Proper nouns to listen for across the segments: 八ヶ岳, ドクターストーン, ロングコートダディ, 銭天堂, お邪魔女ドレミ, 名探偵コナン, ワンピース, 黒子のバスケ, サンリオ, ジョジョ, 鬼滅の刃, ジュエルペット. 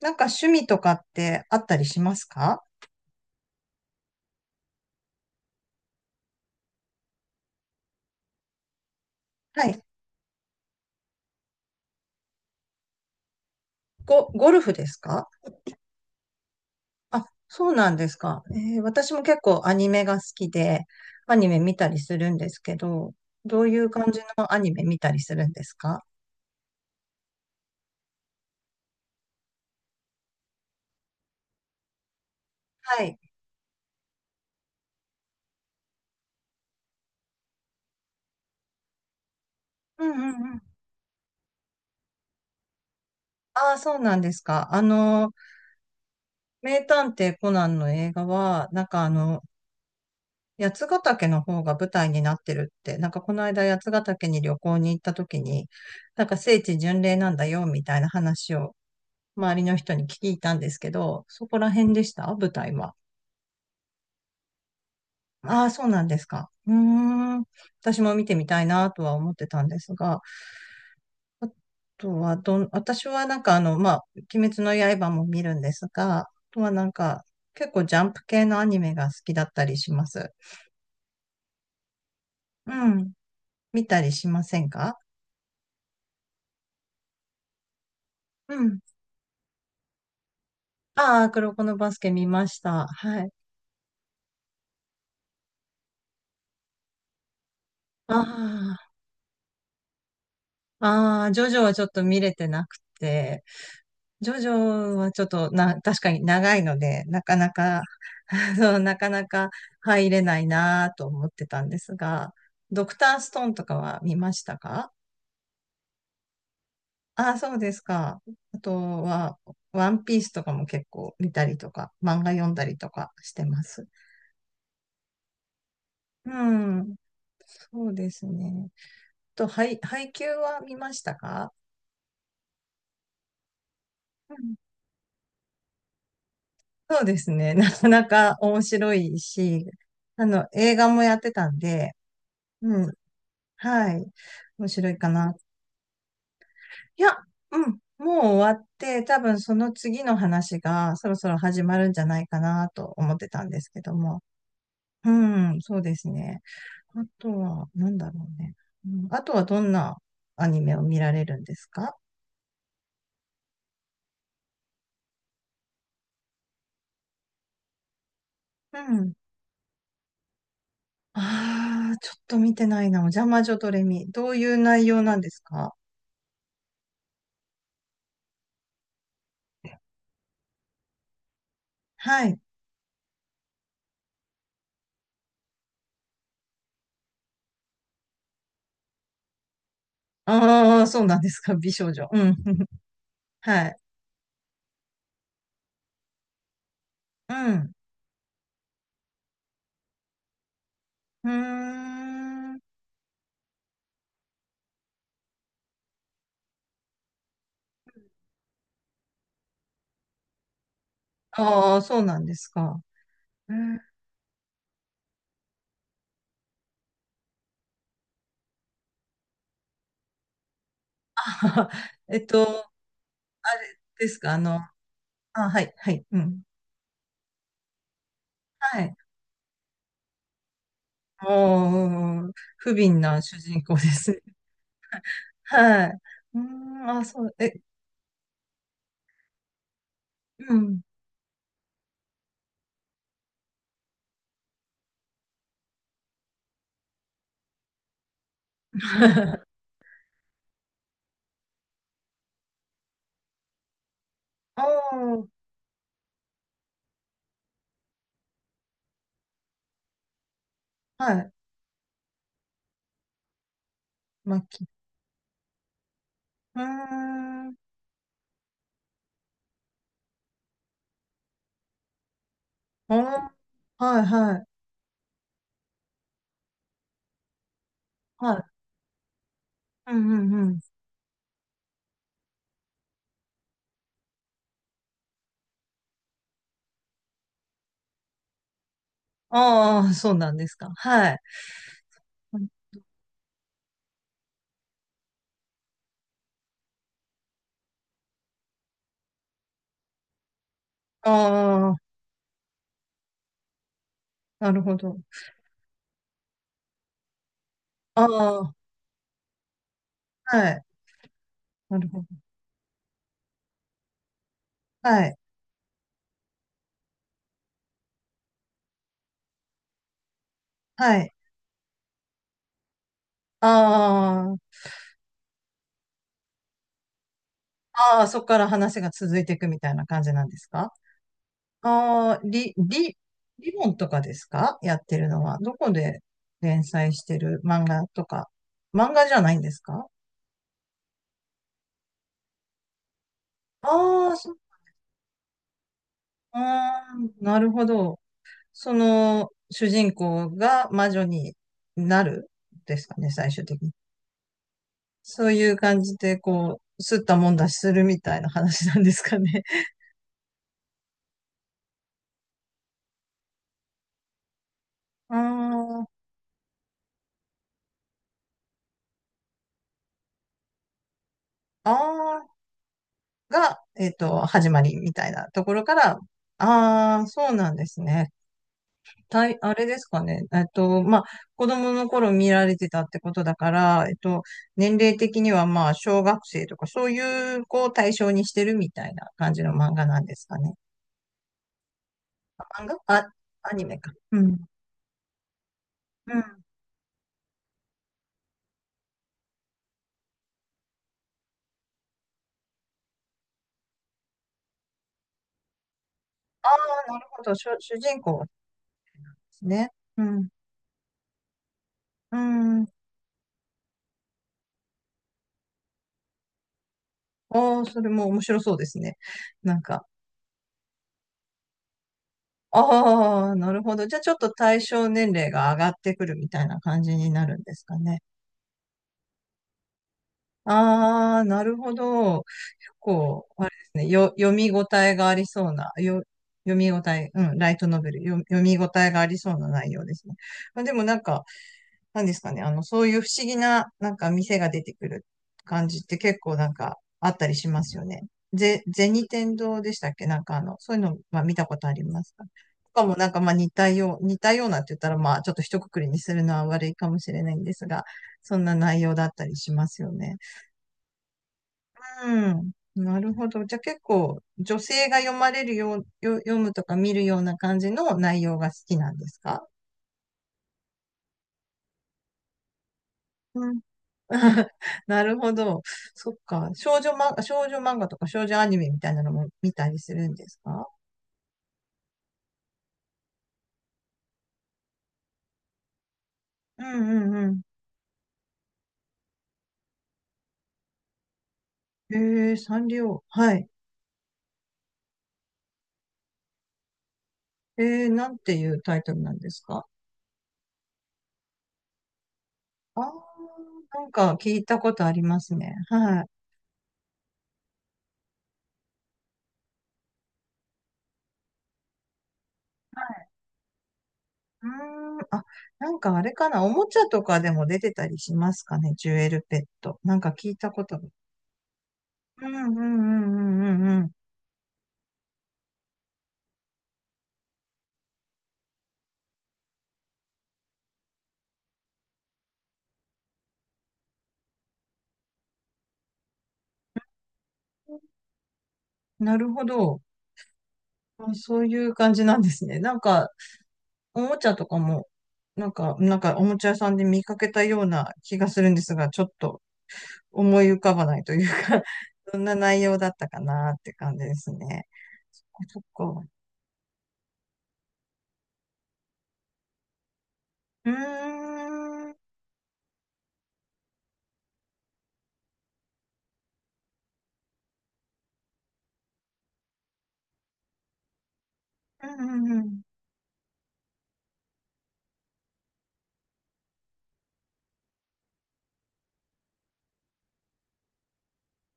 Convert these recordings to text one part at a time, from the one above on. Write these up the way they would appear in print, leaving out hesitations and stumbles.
なんか趣味とかってあったりしますか？はい。ゴルフですか？あ、そうなんですか。私も結構アニメが好きで、アニメ見たりするんですけど、どういう感じのアニメ見たりするんですか？はい。うんうんうん。ああ、そうなんですか。あの、名探偵コナンの映画は、なんかあの、八ヶ岳の方が舞台になってるって、なんかこの間八ヶ岳に旅行に行った時に、なんか聖地巡礼なんだよ、みたいな話を周りの人に聞いたんですけど、そこら辺でした舞台は。ああ、そうなんですか。うーん。私も見てみたいなとは思ってたんですが、あとはどん、私はなんかあの、まあ、鬼滅の刃も見るんですが、あとはなんか、結構ジャンプ系のアニメが好きだったりします。うん。見たりしませんか？うん。ああ、黒子のバスケ見ました。はい。ああ、ああ、ジョジョはちょっと見れてなくて、ジョジョはちょっとな、確かに長いので、なかなか、そうなかなか入れないなと思ってたんですが、ドクターストーンとかは見ましたか？ああ、そうですか。あとは、ワンピースとかも結構見たりとか、漫画読んだりとかしてます。うん、そうですね。配給は見ましたか？うん。そうですね。なかなか面白いし、あの、映画もやってたんで、うん。はい。面白いかな。いや、うん。もう終わって、多分その次の話がそろそろ始まるんじゃないかなと思ってたんですけども。うん、そうですね。あとは、なんだろうね。うん、あとはどんなアニメを見られるんですか？うん。ああ、ちょっと見てないな。お邪魔女ドレミ。どういう内容なんですか？はい。ああ、そうなんですか。美少女。うん。はい。うん。うーん。ああ、そうなんですか。うん えっと、あれですか、あの、あ、はい、はい、うん。はい。もう、不憫な主人公ですね。はい。うーん、あ、そう、え、うん。おー、はい、マッキー。うーん、おー、はい、はい、はい。うん、うん、うん。ああ、そうなんですか。はい。ああ、なるほど。ああ、はい。なるほど。はい。はい。あああ、そこから話が続いていくみたいな感じなんですか？ああ、リボンとかですか？やってるのは。どこで連載してる漫画とか。漫画じゃないんですか？ああ、あーなるほど。その、主人公が魔女になるですかね、最終的に。そういう感じで、こう、すったもんだしするみたいな話なんですかね。あー、ああ、が、えっと、始まりみたいなところから、ああ、そうなんですね。あれですかね。まあ、子供の頃見られてたってことだから、年齢的にはまあ、小学生とか、そういう子を対象にしてるみたいな感じの漫画なんですかね。あ漫画あ、アニメか。うん。うん。ああ、なるほど。主人公ですね。うん。うん。ああ、それも面白そうですね。なんか、ああ、なるほど。じゃあちょっと対象年齢が上がってくるみたいな感じになるんですかね。ああ、なるほど。こう、あれですね。読み応えがありそうな、読み応え、うん、ライトノベル、読み応えがありそうな内容ですね。まあ、でもなんか、なんですかね、あの、そういう不思議な、なんか店が出てくる感じって結構なんかあったりしますよね。銭天堂でしたっけ？なんかあの、そういうの、まあ見たことありますか？とかもなんかまあ似たようなって言ったらまあちょっと一括りにするのは悪いかもしれないんですが、そんな内容だったりしますよね。うん。なるほど。じゃあ結構女性が読まれるよう、読むとか見るような感じの内容が好きなんですか？うん なるほど。そっか。少女漫画、少女漫画とか少女アニメみたいなのも見たりするんですか？うんうんうん。えー、サンリオ。はい。えー、なんていうタイトルなんですか？あー、なんか聞いたことありますね。はい。うーん、あ、なんかあれかな。おもちゃとかでも出てたりしますかね。ジュエルペット。なんか聞いたことが。うんうんうんうんうんうん。なるほど。あそういう感じなんですね。なんか、おもちゃとかも、なんか、なんかおもちゃ屋さんで見かけたような気がするんですが、ちょっと思い浮かばないというか どんな内容だったかなって感じですね。そっか。そっか。うーん。うんうんうん。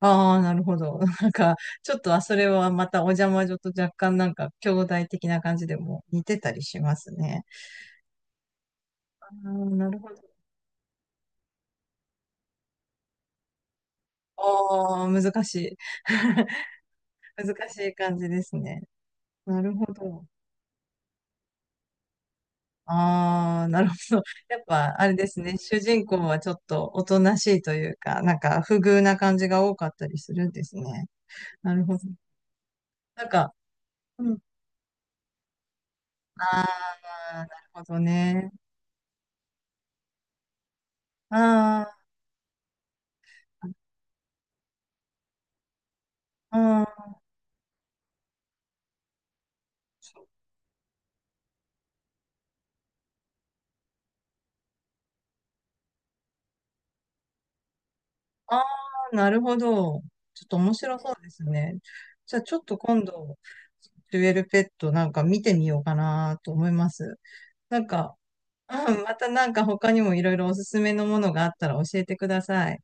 ああ、なるほど。なんか、ちょっと、あ、それはまたお邪魔女と若干なんか、兄弟的な感じでも似てたりしますね。ああ、なるほど。ああ、難しい。難しい感じですね。なるほど。ああ、なるほど。やっぱ、あれですね。主人公はちょっとおとなしいというか、なんか、不遇な感じが多かったりするんですね。なるほど。なんか、うん。ああ、なるほどね。ああ、ああ、ああ、なるほど。ちょっと面白そうですね。じゃあ、ちょっと今度、デュエルペットなんか見てみようかなと思います。なんか、うん、またなんか他にもいろいろおすすめのものがあったら教えてください。